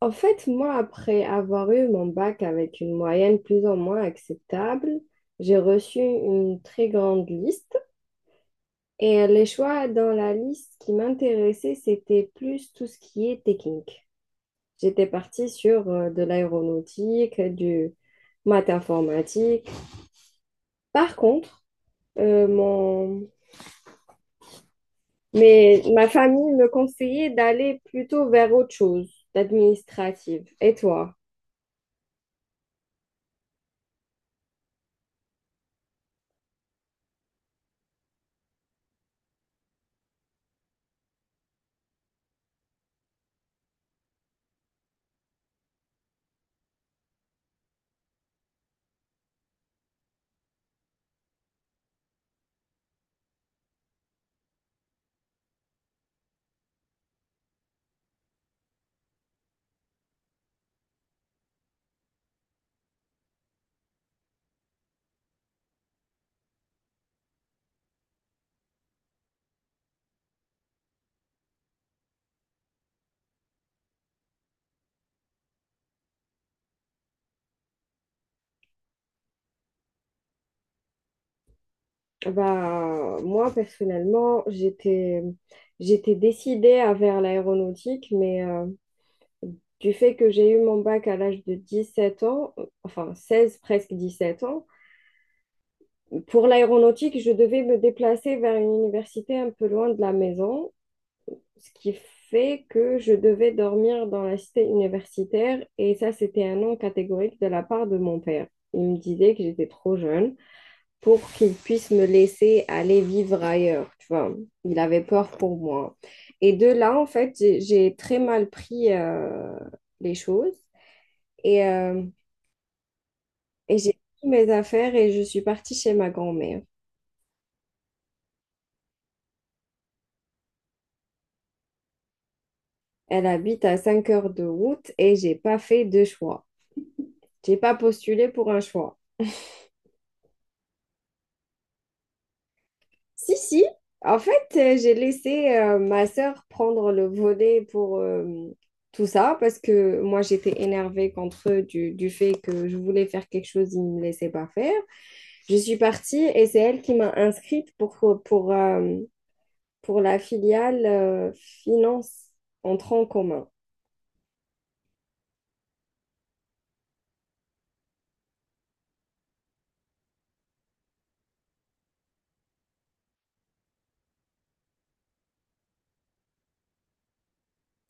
En fait, moi, après avoir eu mon bac avec une moyenne plus ou moins acceptable, j'ai reçu une très grande liste et les choix dans la liste qui m'intéressaient, c'était plus tout ce qui est technique. J'étais partie sur de l'aéronautique, du maths informatique. Par contre, euh, mon... Mais ma famille me conseillait d'aller plutôt vers autre chose, d'administrative. Et toi? Bah, moi, personnellement, j'étais décidée à vers l'aéronautique, mais du fait que j'ai eu mon bac à l'âge de 17 ans, enfin 16 presque 17 ans, pour l'aéronautique, je devais me déplacer vers une université un peu loin de la maison, ce qui fait que je devais dormir dans la cité universitaire, et ça, c'était un non catégorique de la part de mon père. Il me disait que j'étais trop jeune pour qu'il puisse me laisser aller vivre ailleurs, tu vois. Il avait peur pour moi. Et de là, en fait, j'ai très mal pris les choses et, euh, et j'ai pris mes affaires et je suis partie chez ma grand-mère. Elle habite à 5 heures de route et j'ai pas fait de choix. J'ai pas postulé pour un choix. Si, si. En fait, j'ai laissé ma sœur prendre le volet pour tout ça parce que moi, j'étais énervée contre eux du fait que je voulais faire quelque chose, ils ne me laissaient pas faire. Je suis partie et c'est elle qui m'a inscrite pour, euh, pour la filiale finance en tronc commun.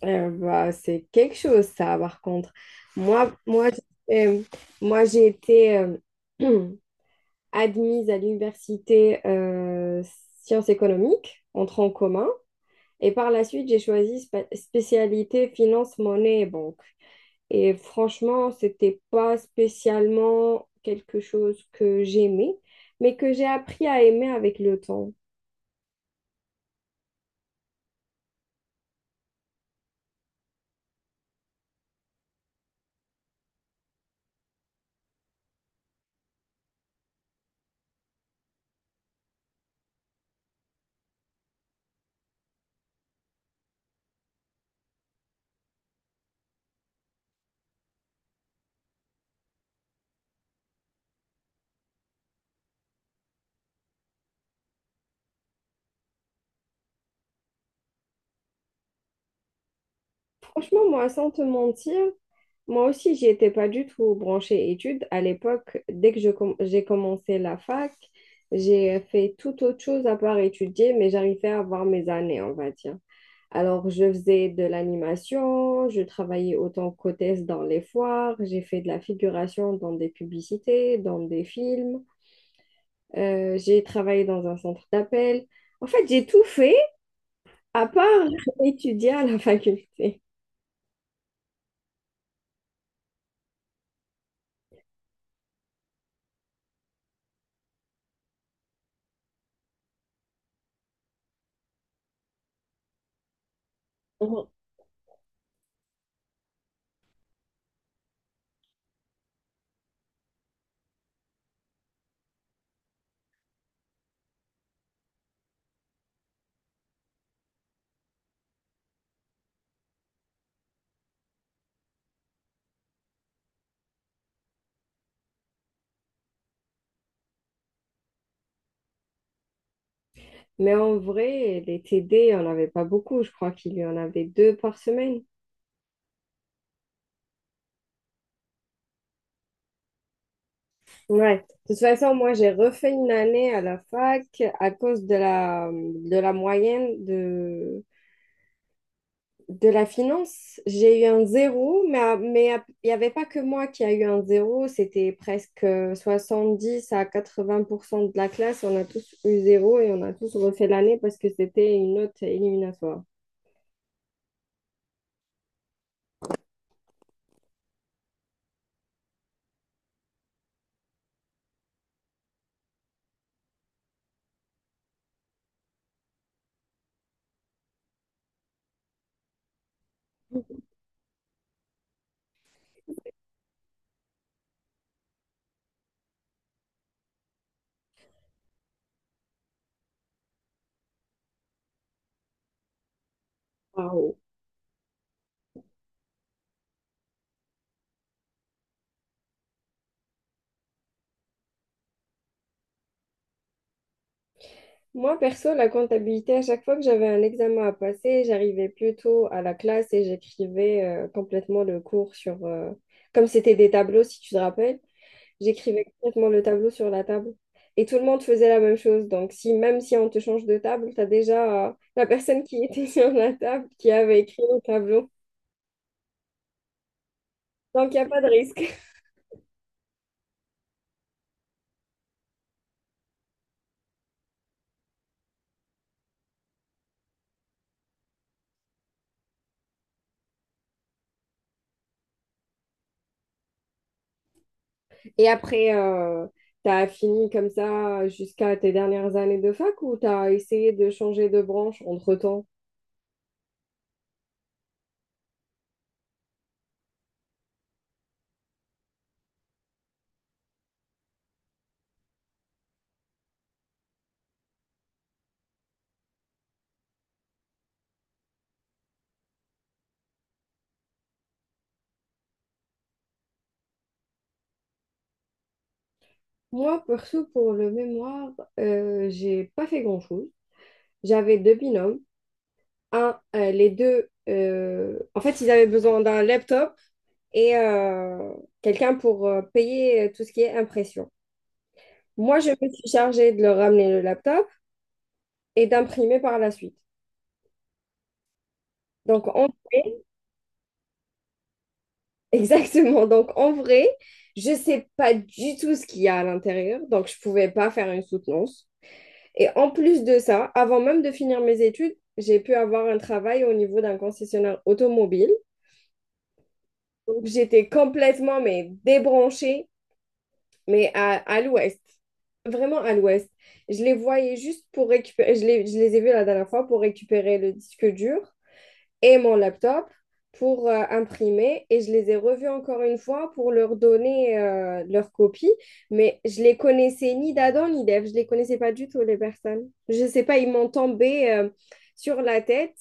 Bah, c'est quelque chose, ça, par contre. Moi, moi, j'ai- euh, Moi j'ai été... euh, admise à l'université sciences économiques, en tronc commun. Et par la suite, j'ai choisi spécialité finance, monnaie et banque. Et franchement, c'était pas spécialement quelque chose que j'aimais, mais que j'ai appris à aimer avec le temps. Franchement, moi, sans te mentir, moi aussi, j'y étais pas du tout branchée études. À l'époque, dès que j'ai commencé la fac, j'ai fait tout autre chose à part étudier, mais j'arrivais à avoir mes années, on va dire. Alors, je faisais de l'animation, je travaillais autant qu'hôtesse dans les foires, j'ai fait de la figuration dans des publicités, dans des films, j'ai travaillé dans un centre d'appel. En fait, j'ai tout fait à part étudier à la faculté. Mhm. Mais en vrai, les TD, il n'y en avait pas beaucoup. Je crois qu'il y en avait deux par semaine. Ouais. De toute façon, moi, j'ai refait une année à la fac à cause de la moyenne de la finance. J'ai eu un zéro, il n'y avait pas que moi qui a eu un zéro. C'était presque 70 à 80% de la classe. On a tous eu zéro et on a tous refait l'année parce que c'était une note éliminatoire. Waouh. Moi, perso, la comptabilité, à chaque fois que j'avais un examen à passer, j'arrivais plutôt à la classe et j'écrivais complètement le cours. Comme c'était des tableaux, si tu te rappelles. J'écrivais complètement le tableau sur la table. Et tout le monde faisait la même chose. Donc, si, même si on te change de table, tu as déjà la personne qui était sur la table qui avait écrit le tableau. Donc, il n'y a pas de risque. Et après, tu as fini comme ça jusqu'à tes dernières années de fac ou tu as essayé de changer de branche entre-temps? Moi, perso, pour le mémoire, j'ai pas fait grand-chose. J'avais deux binômes. Les deux, en fait, ils avaient besoin d'un laptop et quelqu'un pour payer tout ce qui est impression. Moi, je me suis chargée de leur ramener le laptop et d'imprimer par la suite. Donc, en vrai, exactement. Donc, en vrai, je sais pas du tout ce qu'il y a à l'intérieur. Donc, je pouvais pas faire une soutenance. Et en plus de ça, avant même de finir mes études, j'ai pu avoir un travail au niveau d'un concessionnaire automobile. Donc, j'étais complètement mais débranchée, mais à l'ouest, vraiment à l'ouest. Je les voyais juste pour récupérer, je les ai vus la dernière fois pour récupérer le disque dur et mon laptop pour imprimer et je les ai revus encore une fois pour leur donner leur copie, mais je les connaissais ni d'Adam ni d'Ève, je les connaissais pas du tout les personnes. Je sais pas, ils m'ont tombé sur la tête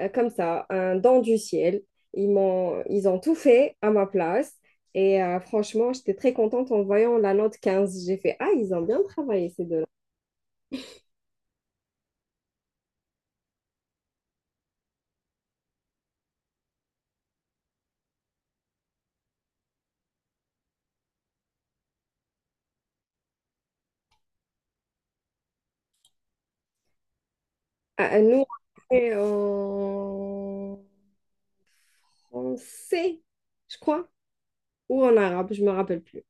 comme ça, un don du ciel. Ils ont tout fait à ma place et franchement, j'étais très contente en voyant la note quinze. J'ai fait ah, ils ont bien travaillé ces deux-là. Ah, nous on est en français, je crois, ou en arabe, je me rappelle plus.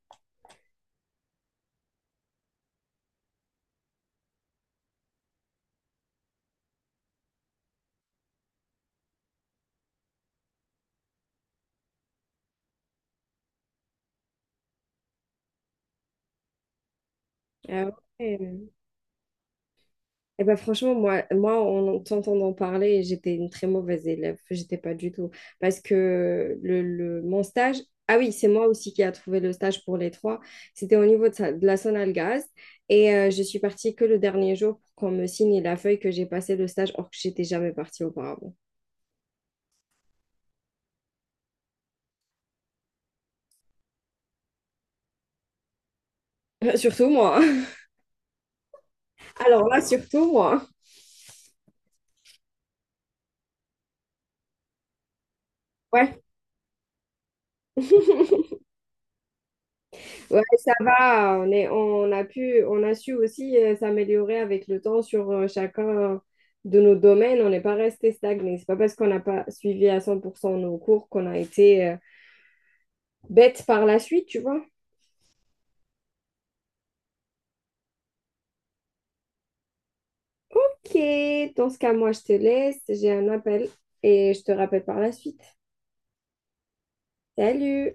Ah ouais. Et ben franchement, moi, en t'entendant parler, j'étais une très mauvaise élève. J'étais pas du tout. Parce que mon stage, ah oui, c'est moi aussi qui a trouvé le stage pour les trois. C'était au niveau de la Sonalgaz. Et je suis partie que le dernier jour pour qu'on me signe la feuille que j'ai passé le stage, or que j'étais jamais partie auparavant. Surtout moi, hein. Alors là, surtout moi, hein. Ouais. Ouais, ça va. On est, on a pu, On a su aussi s'améliorer avec le temps sur chacun de nos domaines. On n'est pas resté stagné. C'est pas parce qu'on n'a pas suivi à 100% nos cours qu'on a été bête par la suite, tu vois. Ok, dans ce cas, moi, je te laisse. J'ai un appel et je te rappelle par la suite. Salut!